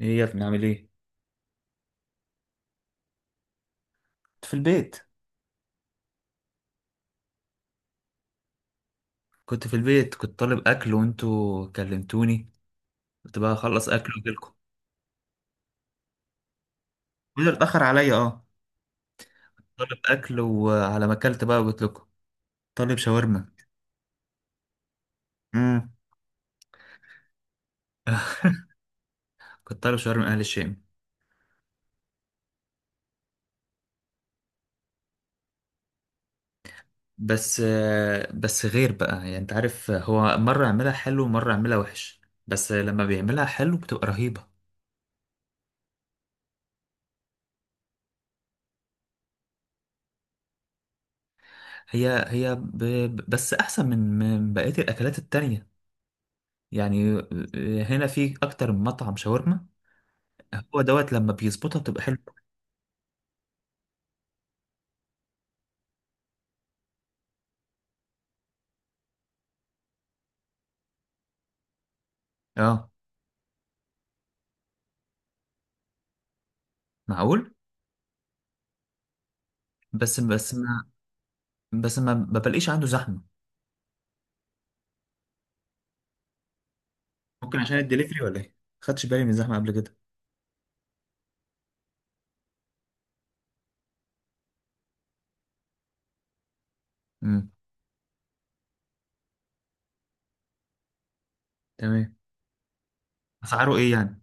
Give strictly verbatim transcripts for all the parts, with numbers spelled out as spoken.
ايه يا ابني، عامل ايه؟ كنت في البيت كنت في البيت كنت طالب اكل وانتوا كلمتوني. كنت بقى اخلص اكل واجيلكم. وده اتاخر عليا، اه. طالب اكل وعلى ما اكلت بقى قلت لكم. طالب شاورما. امم. كنت طالب شاورما اهل الشام. بس آه، بس غير بقى يعني انت عارف، آه، هو مره يعملها حلو ومره يعملها وحش. بس آه، لما بيعملها حلو بتبقى رهيبه. هي هي ب... ب- بس احسن من من بقيه الاكلات التانية. يعني آه، هنا في اكتر من مطعم شاورما. هو دوت لما بيظبطها بتبقى حلوه. اه. معقول. بس بس ما بس ما ما بلاقيش عنده زحمه. ممكن عشان الدليفري ولا ايه؟ خدتش بالي من الزحمه قبل كده. امم. تمام. اسعاره ايه يعني؟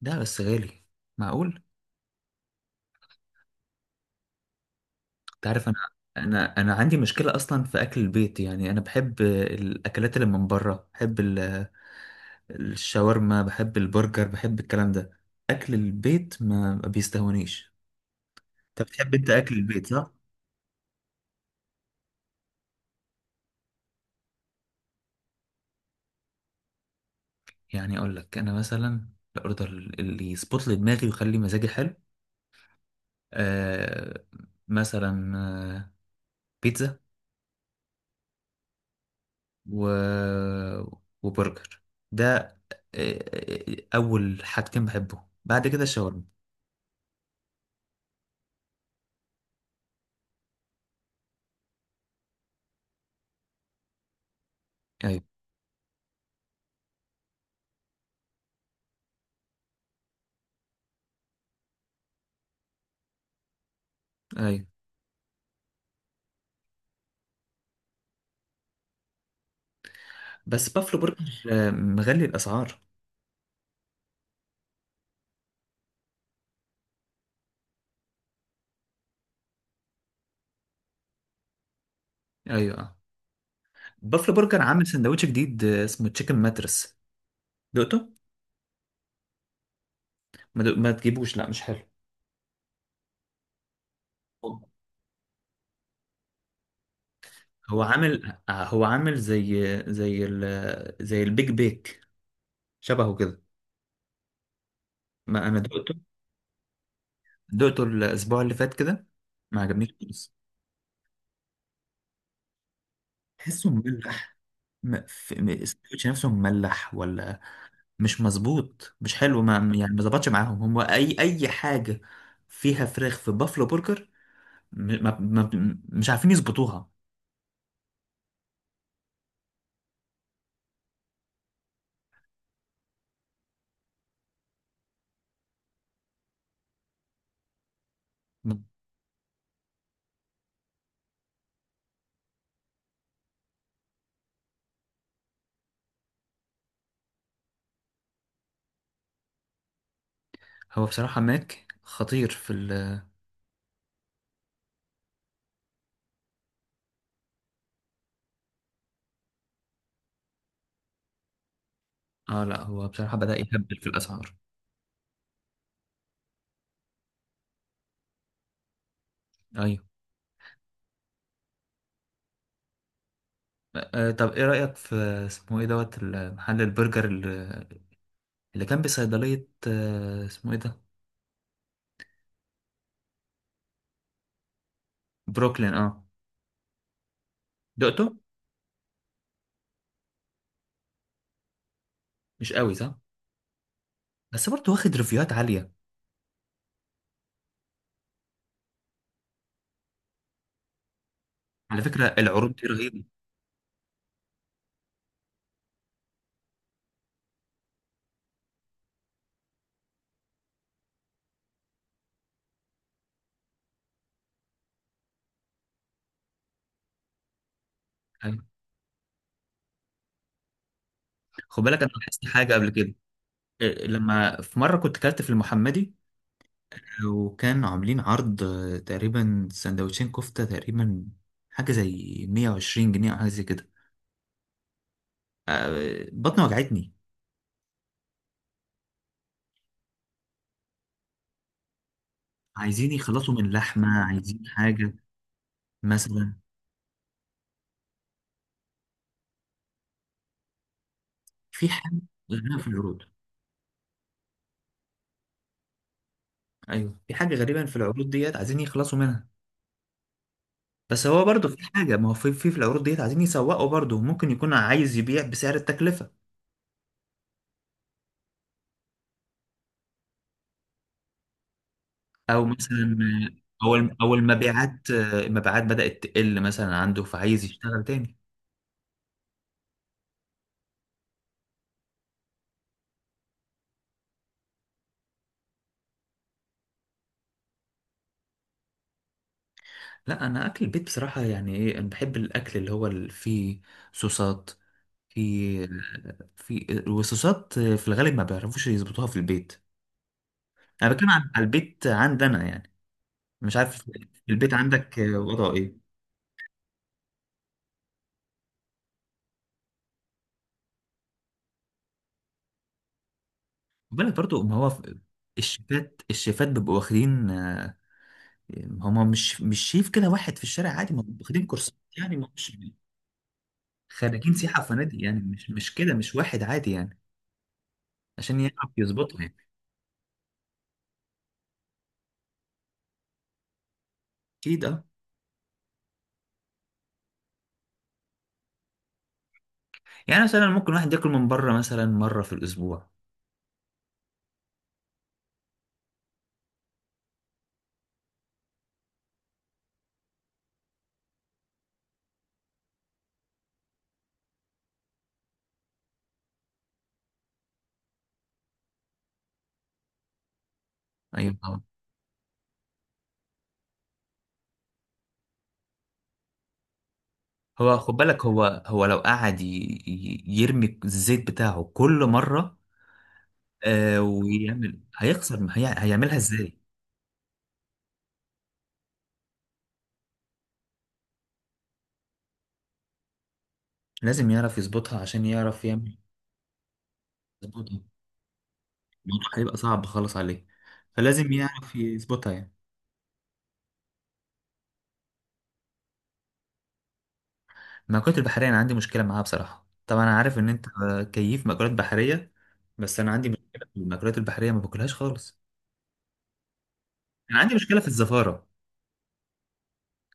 ده بس غالي. معقول. انت عارف، انا انا انا عندي مشكله اصلا في اكل البيت، يعني انا بحب الاكلات اللي من بره، بحب ال- الشاورما، بحب البرجر، بحب الكلام ده. اكل البيت ما ما بيستهونيش. انت بتحب، انت اكل البيت صح؟ يعني اقول لك انا مثلا، الاوردر اللي يظبط لي دماغي ويخلي مزاجي حلو. آه مثلا، آه بيتزا. و... وبرجر. ده. آه آه، اول حاجتين بحبهم بعد كده الشاورما. ايوه. ايوه. بس بافلو برجر آه مغلي الاسعار. ايوه، آه. بافلو برجر عامل سندوتش جديد، آه، اسمه تشيكن ماترس. دقته؟ ما, دق... ما تجيبوش، لا مش حلو. هو عامل هو عامل زي زي ال... زي البيج بيك، شبهه كده. ما انا دقته. دقته الاسبوع اللي فات كده. ما عجبنيش خالص. تحسه مملح. م- في- م- السندوتش نفسه مملح، ولا مش مظبوط، مش حلو، ما يعني ما ظبطش معاهم، هم اي اي حاجه. فيها فراخ في بافلو برجر. م- ما ما مش عارفين يظبطوها. هو بصراحه ماك خطير في ال... اه، لا هو بصراحه بدأ يهبل في الاسعار. ايوه. آه طب ايه رأيك في... اسمه ايه دوت محل البرجر اللي اللي كان بصيدلية، آه اسمه ايه ده؟ بروكلين، اه. دقته؟ مش قوي صح. بس برضه واخد ريفيوهات عاليه. على فكره العروض دي رهيبه. أيوة. خد بالك انا لاحظت حاجه قبل كده. إيه، لما في مره كنت كلت في المحمدي، آه، وكان عاملين عرض، آه، تقريبا سندوتشين كفته، تقريبا حاجه زي مية وعشرين جنيه او حاجه زي كده. آه، بطني وجعتني. عايزين يخلصوا من لحمه، عايزين حاجه مثلا. في حاجه غريبه في العروض. ايوه، في حاجه غريبه في العروض ديت عايزين يخلصوا منها. بس هو برضه في حاجة، ما هو في في, في العروض ديت عايزين يسوقوا برضه، ممكن يكون عايز يبيع بسعر التكلفة. أو مثلا، أو الم- أو المبيعات المبيعات بدأت تقل مثلا عنده فعايز يشتغل تاني. لا، أنا أكل البيت بصراحة، يعني إيه، أنا بحب الأكل اللي هو اللي فيه صوصات. في في وصوصات في الغالب ما بيعرفوش يظبطوها في البيت. أنا بتكلم عن على البيت عندنا يعني. مش عارف. البيت عندك وضعه إيه؟ خد بالك برضه، ما هو الشيفات الشيفات بيبقوا واخدين. يعني هما مش مش شايف كده واحد في الشارع عادي، ما هم واخدين كورسات يعني، ما مش خريجين سياحة وفنادق يعني، مش مش كده، مش واحد عادي يعني. عشان يعرف يظبطه يعني. اكيد اه. يعني مثلا ممكن واحد ياكل من بره مثلا مرة في الأسبوع. أيوة طبعا. هو خد بالك هو هو لو قعد ي- ي- يرمي الزيت بتاعه كل مرة. آه ويعمل هيخسر، هي هيعملها ازاي؟ لازم يعرف يظبطها عشان يعرف يعمل يظبطها. الموضوع هيبقى صعب خالص عليه. فلازم يعرف يظبطها يعني. المأكولات البحرية أنا عندي مشكلة معاها بصراحة. طبعا أنا عارف إن أنت كيف مأكولات بحرية، بس أنا عندي مشكلة في المأكولات البحرية، ما باكلهاش خالص. أنا عندي مشكلة في الزفارة.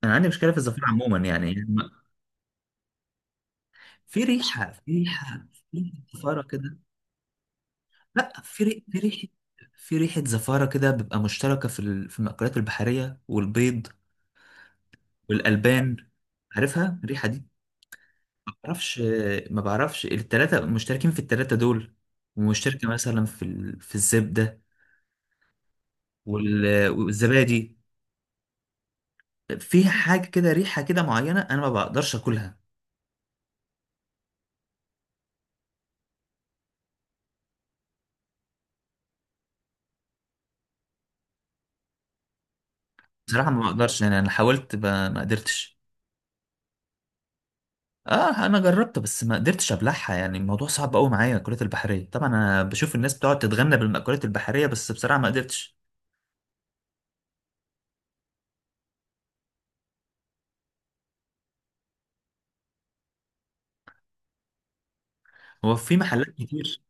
أنا عندي مشكلة في الزفارة عموما، يعني ما- في ريحة في ريحة في ريحة زفارة كده. لا، في ري... في ريحة في ريحة زفارة كده، بتبقى مشتركة في ال... في المأكولات البحرية والبيض والألبان. عارفها الريحة دي؟ ما بعرفش. ما بعرفش، التلاتة مشتركين، في التلاتة دول، ومشتركة مثلا في ال... في الزبدة وال- والزبادي. فيها حاجة كده، ريحة كده معينة، أنا ما بقدرش أكلها. بصراحة ما بقدرش يعني، أنا حاولت ب- ما قدرتش. اه انا جربت، بس ما قدرتش ابلعها، يعني الموضوع صعب قوي معايا المأكولات البحريه. طبعا انا بشوف الناس بتقعد تتغنى بالمأكولات البحريه، بس بصراحه ما قدرتش. هو في محلات كتير.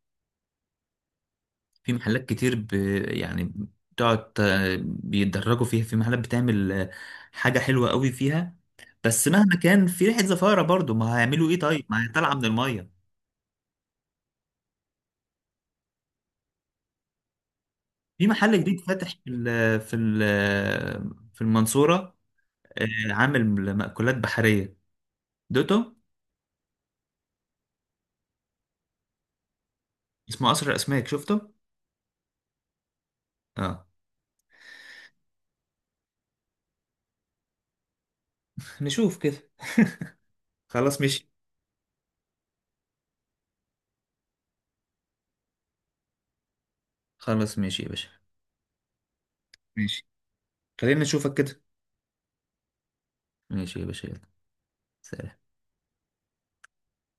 في محلات كتير ب... يعني بتقعد، آه، بيتدرجوا فيها. في محلات بتعمل آه، حاجه حلوه قوي فيها. بس مهما كان في ريحه زفاره برضو، ما هيعملوا ايه طيب، ما هي طالعه من الميه. في محل جديد فاتح في ال في ال في المنصورة، آه، عامل مأكولات بحرية. دوتو. اسمه قصر الأسماك، شفته؟ اه. نشوف كده. خلاص ماشي. خلاص ماشي يا باشا. ماشي. خلينا نشوفك كده. ماشي يا باشا، يلا. سلام.